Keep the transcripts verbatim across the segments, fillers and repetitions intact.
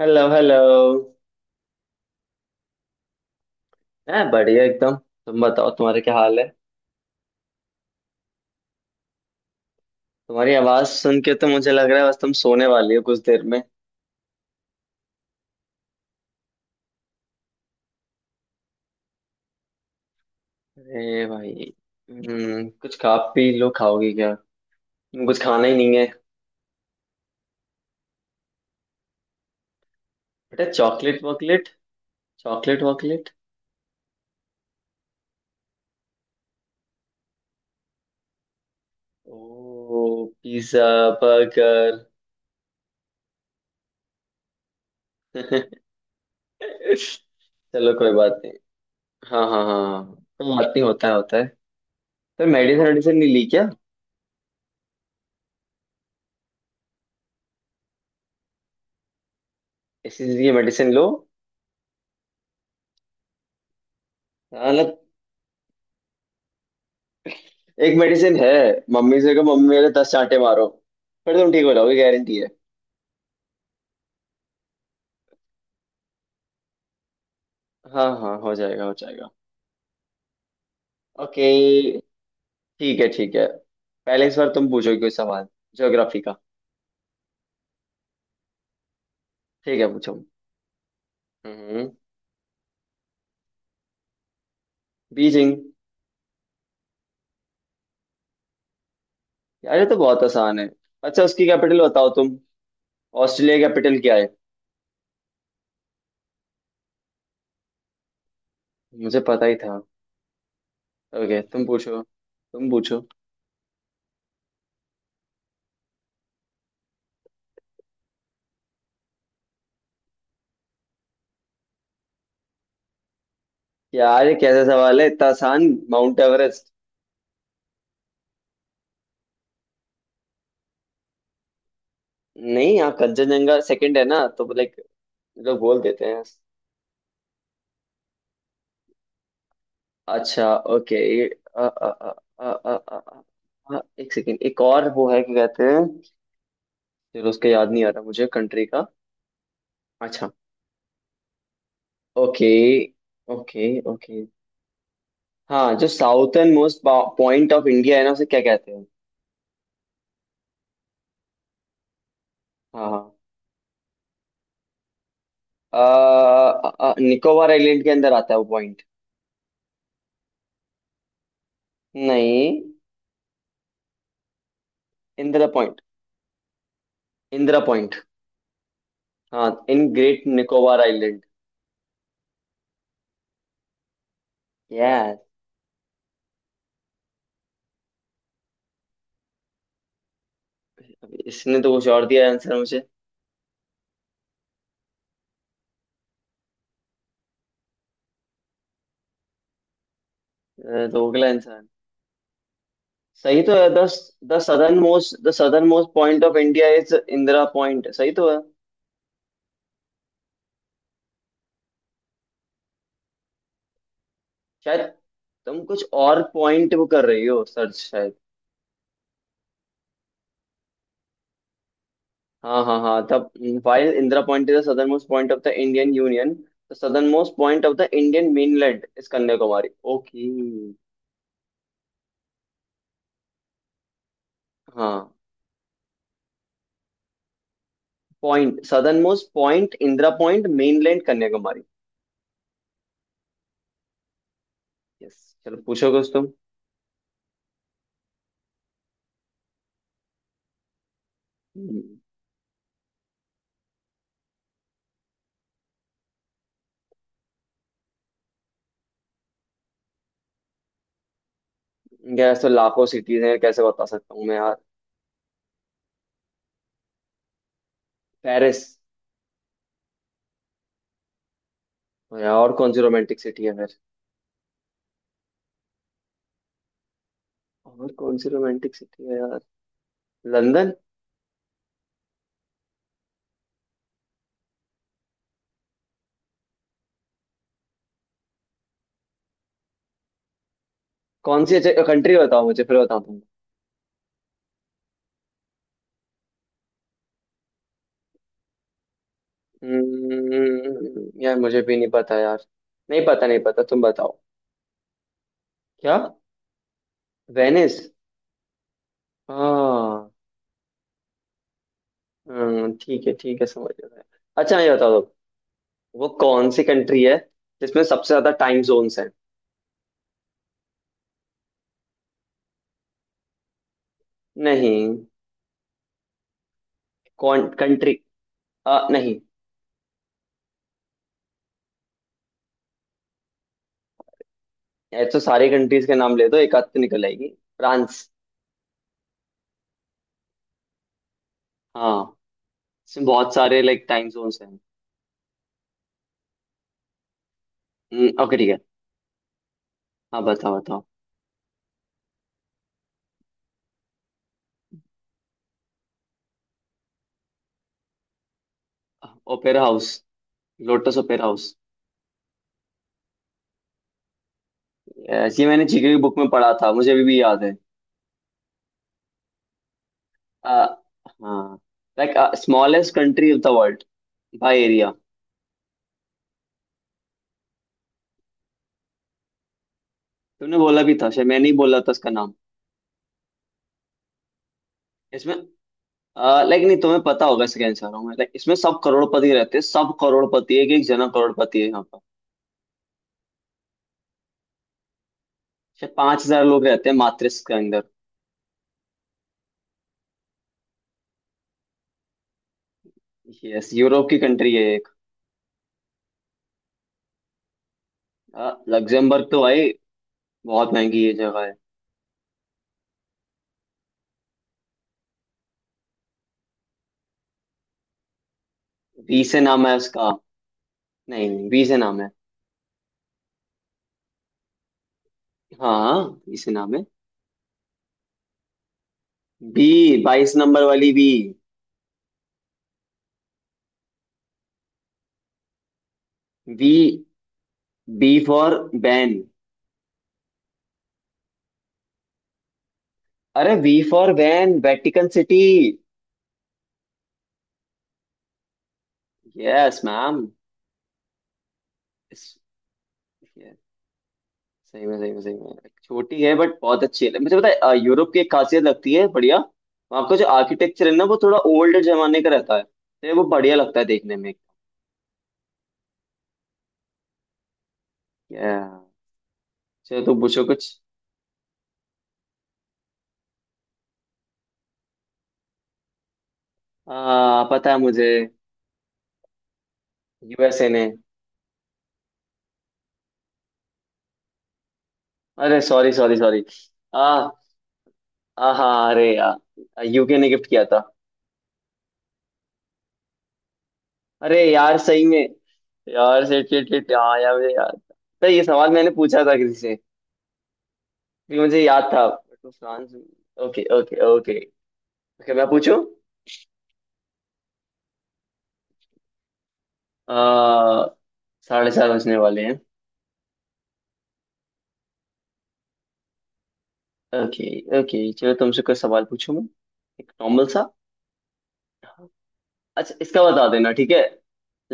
Hello hello. मैं बढ़िया एकदम। तुम बताओ, तुम्हारे क्या हाल है? तुम्हारी आवाज सुन के तो मुझे लग रहा है बस तुम सोने वाली हो कुछ देर में। अरे भाई। हम्म, कुछ खा पी लो। खाओगी क्या? कुछ खाना ही नहीं है? बेटा चॉकलेट वॉकलेट, चॉकलेट वॉकलेट। ओ पिज्जा, बर्गर। चलो कोई बात नहीं। हाँ हाँ हाँ हाँ। कोई बात नहीं, होता है होता है। तो मेडिसिन वेडिसिन नहीं ली क्या? इसीलिए मेडिसिन लो। हाँ, मतलब एक मेडिसिन है। मम्मी से कहो, मम्मी मेरे दस चांटे मारो। फिर तुम ठीक हो जाओगे, गारंटी है। हाँ हाँ, हो जाएगा हो जाएगा। ओके, ठीक है ठीक है। पहले इस बार तुम पूछोगे कोई सवाल, ज्योग्राफी का। ठीक है पूछो। हम्म। बीजिंग। यार, ये तो बहुत आसान है। अच्छा, उसकी कैपिटल बताओ तुम। ऑस्ट्रेलिया की कैपिटल क्या है? मुझे पता ही था। ओके, तुम पूछो तुम पूछो। यार, ये कैसा सवाल है, इतना आसान। Mount Everest. नहीं, यहाँ कंचनजंगा सेकंड है ना, तो लाइक लोग बोल देते हैं। अच्छा ओके, ये अ, अ, अ, अ, अ, अ, अ, अ, एक सेकेंड, एक और वो है, क्या कहते हैं। चलो उसका याद नहीं आ रहा मुझे, कंट्री का। अच्छा। Okay okay okay. हाँ, जो southernmost point of India है ना, उसे क्या कहते हैं? हाँ हाँ, निकोबार आइलैंड के अंदर आता है वो पॉइंट। नहीं। Indira point, Indira point. हाँ, in great Nicobar island. Yes. इसने तो कुछ और दिया आंसर मुझे। अ, तो अगला आंसर सही तो है। The the southernmost the southernmost point of India is Indira point, सही तो है। शायद तुम कुछ और पॉइंट वो कर रही हो सर्च शायद। हाँ हाँ हाँ, तब। While Indira point is the southernmost point of the Indian union. The southernmost point of the Indian mainland is Kanyakumari. Okay. हाँ, point southernmost point Indira point, mainland Kanyakumari. Yes, चलो पूछो कुछ तुम। हम्म, यार तो लाखों सिटीज हैं, कैसे बता सकता हूँ मैं यार। पेरिस। यार, और कौन सी रोमांटिक सिटी है? और कौन सी रोमांटिक सिटी है यार? लंदन। कौन सी कंट्री बताओ मुझे, फिर बताऊँ तुमको। हम्म, यार मुझे भी नहीं पता यार। नहीं पता नहीं पता, तुम बताओ। क्या? वेनिस। हाँ। हम्म, ठीक है ठीक है, समझ गया मैं। अच्छा ये बताओ तुम, वो कौन सी कंट्री है जिसमें सबसे ज्यादा टाइम जोन्स हैं? नहीं। कौन कंट्री। आ, नहीं। ये तो सारी कंट्रीज के नाम ले दो, एक आध तो निकल आएगी। फ्रांस। हाँ, इसमें बहुत सारे लाइक टाइम जोन्स हैं। हम्म, ओके ठीक है। हाँ, बताओ बताओ। Opera house, lotus opera house. Yes, ये मैंने जीके की बुक में पढ़ा था, मुझे अभी भी याद है। आ, हाँ like smallest country of the world by area. तुमने बोला भी था शायद, मैंने ही बोला था इसका नाम। इसमें लाइक नहीं तुम्हें पता होगा इसका आंसर हूँ, लाइक इसमें सब करोड़पति रहते हैं। सब करोड़पति, एक एक जना करोड़पति है यहाँ पर। शायद पांच हजार लोग रहते हैं मात्र इसके अंदर। यस, यूरोप की कंट्री है एक। आ, लग्जमबर्ग तो भाई बहुत महंगी ये जगह है। बी से नाम है उसका। नहीं नहीं, बी से नाम है। हाँ, इसी नाम है। बी, बाईस नंबर वाली B. B, B for van. अरे V for van, Vatican city. Yes ma'am. सही में सही में सही में। छोटी है बट बहुत अच्छी है, मुझे पता है। अ, यूरोप की एक खासियत लगती है बढ़िया। वहाँ का जो आर्किटेक्चर है ना, वो थोड़ा ओल्ड जमाने का रहता है, तो वो बढ़िया लगता है देखने में। Yeah. चलो तुम पूछो कुछ। आ, पता है मुझे। यूएसए ने। अरे सॉरी सॉरी सॉरी। हाँ अरे यार, यूके ने गिफ्ट किया था। अरे यार, सही में। यार शिट शिट शिट, हाँ यार मुझे याद था। तो ये सवाल मैंने पूछा था किसी से, फिर मुझे याद था। तो France. Okay okay okay. Okay मैं पूछूं। आ, साढ़े चार बजने वाले हैं। Okay okay. चलो तुमसे कोई सवाल पूछूं मैं, एक नॉर्मल सा। अच्छा इसका बता देना, ठीक है।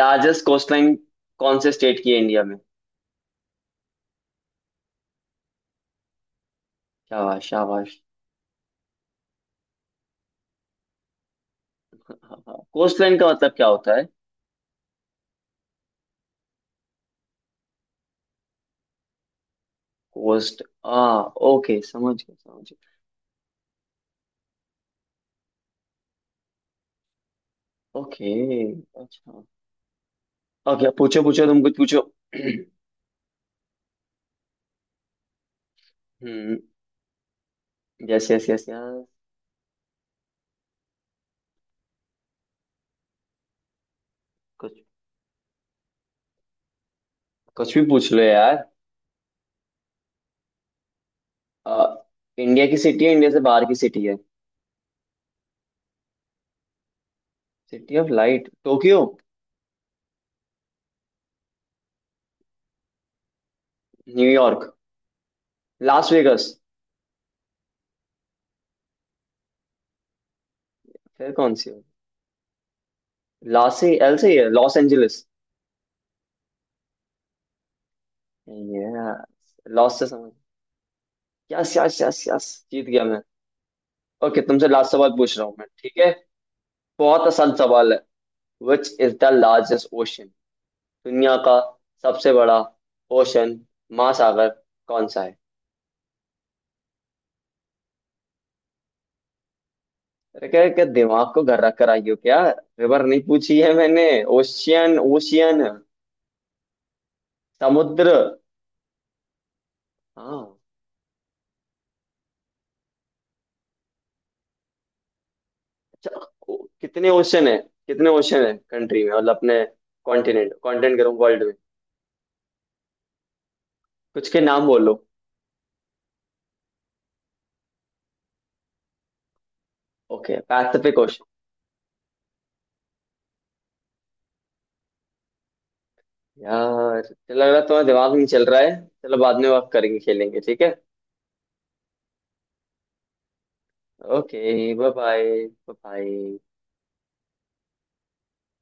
लार्जेस्ट कोस्टलाइन कौन से स्टेट की है इंडिया में? शाबाश शाबाश। कोस्टलाइन का मतलब क्या होता है? होस्ट आ, ओके समझ गया, समझ गया ओके। अच्छा। ओके पूछो पूछो, तुम कुछ पूछो। हम्म। यस यस यस यार। कुछ, कुछ भी पूछ लो यार। आ, इंडिया की सिटी है, इंडिया से बाहर की सिटी है? City of light, Tokyo. New York. Las Vegas. फिर कौन सी है? लास से एल से ही है, लॉस एंजलिस। यस, लॉस से समझ। Yes yes yes yes. जीत गया मैं। ओके, तुमसे लास्ट सवाल पूछ रहा हूँ मैं, ठीक है? बहुत आसान सवाल है। Which is the largest ocean, दुनिया का सबसे बड़ा ओशन महासागर कौन सा है? अरे क्या क्या, दिमाग को घर रख कर आई हो क्या? रिवर नहीं पूछी है मैंने, ओशियन ओशियन, समुद्र। हाँ। अच्छा, ओ- कितने ओशन है, कितने ओशन है कंट्री में, मतलब अपने। कॉन्टिनेंट, कॉन्टिनेंट करूँ वर्ल्ड में। कुछ के नाम बोलो। Okay Pacific ocean. यार चलो, लग रहा है तुम्हारा दिमाग नहीं चल रहा है। चलो बाद में बात करेंगे, खेलेंगे, ठीक है। Okay bye bye bye.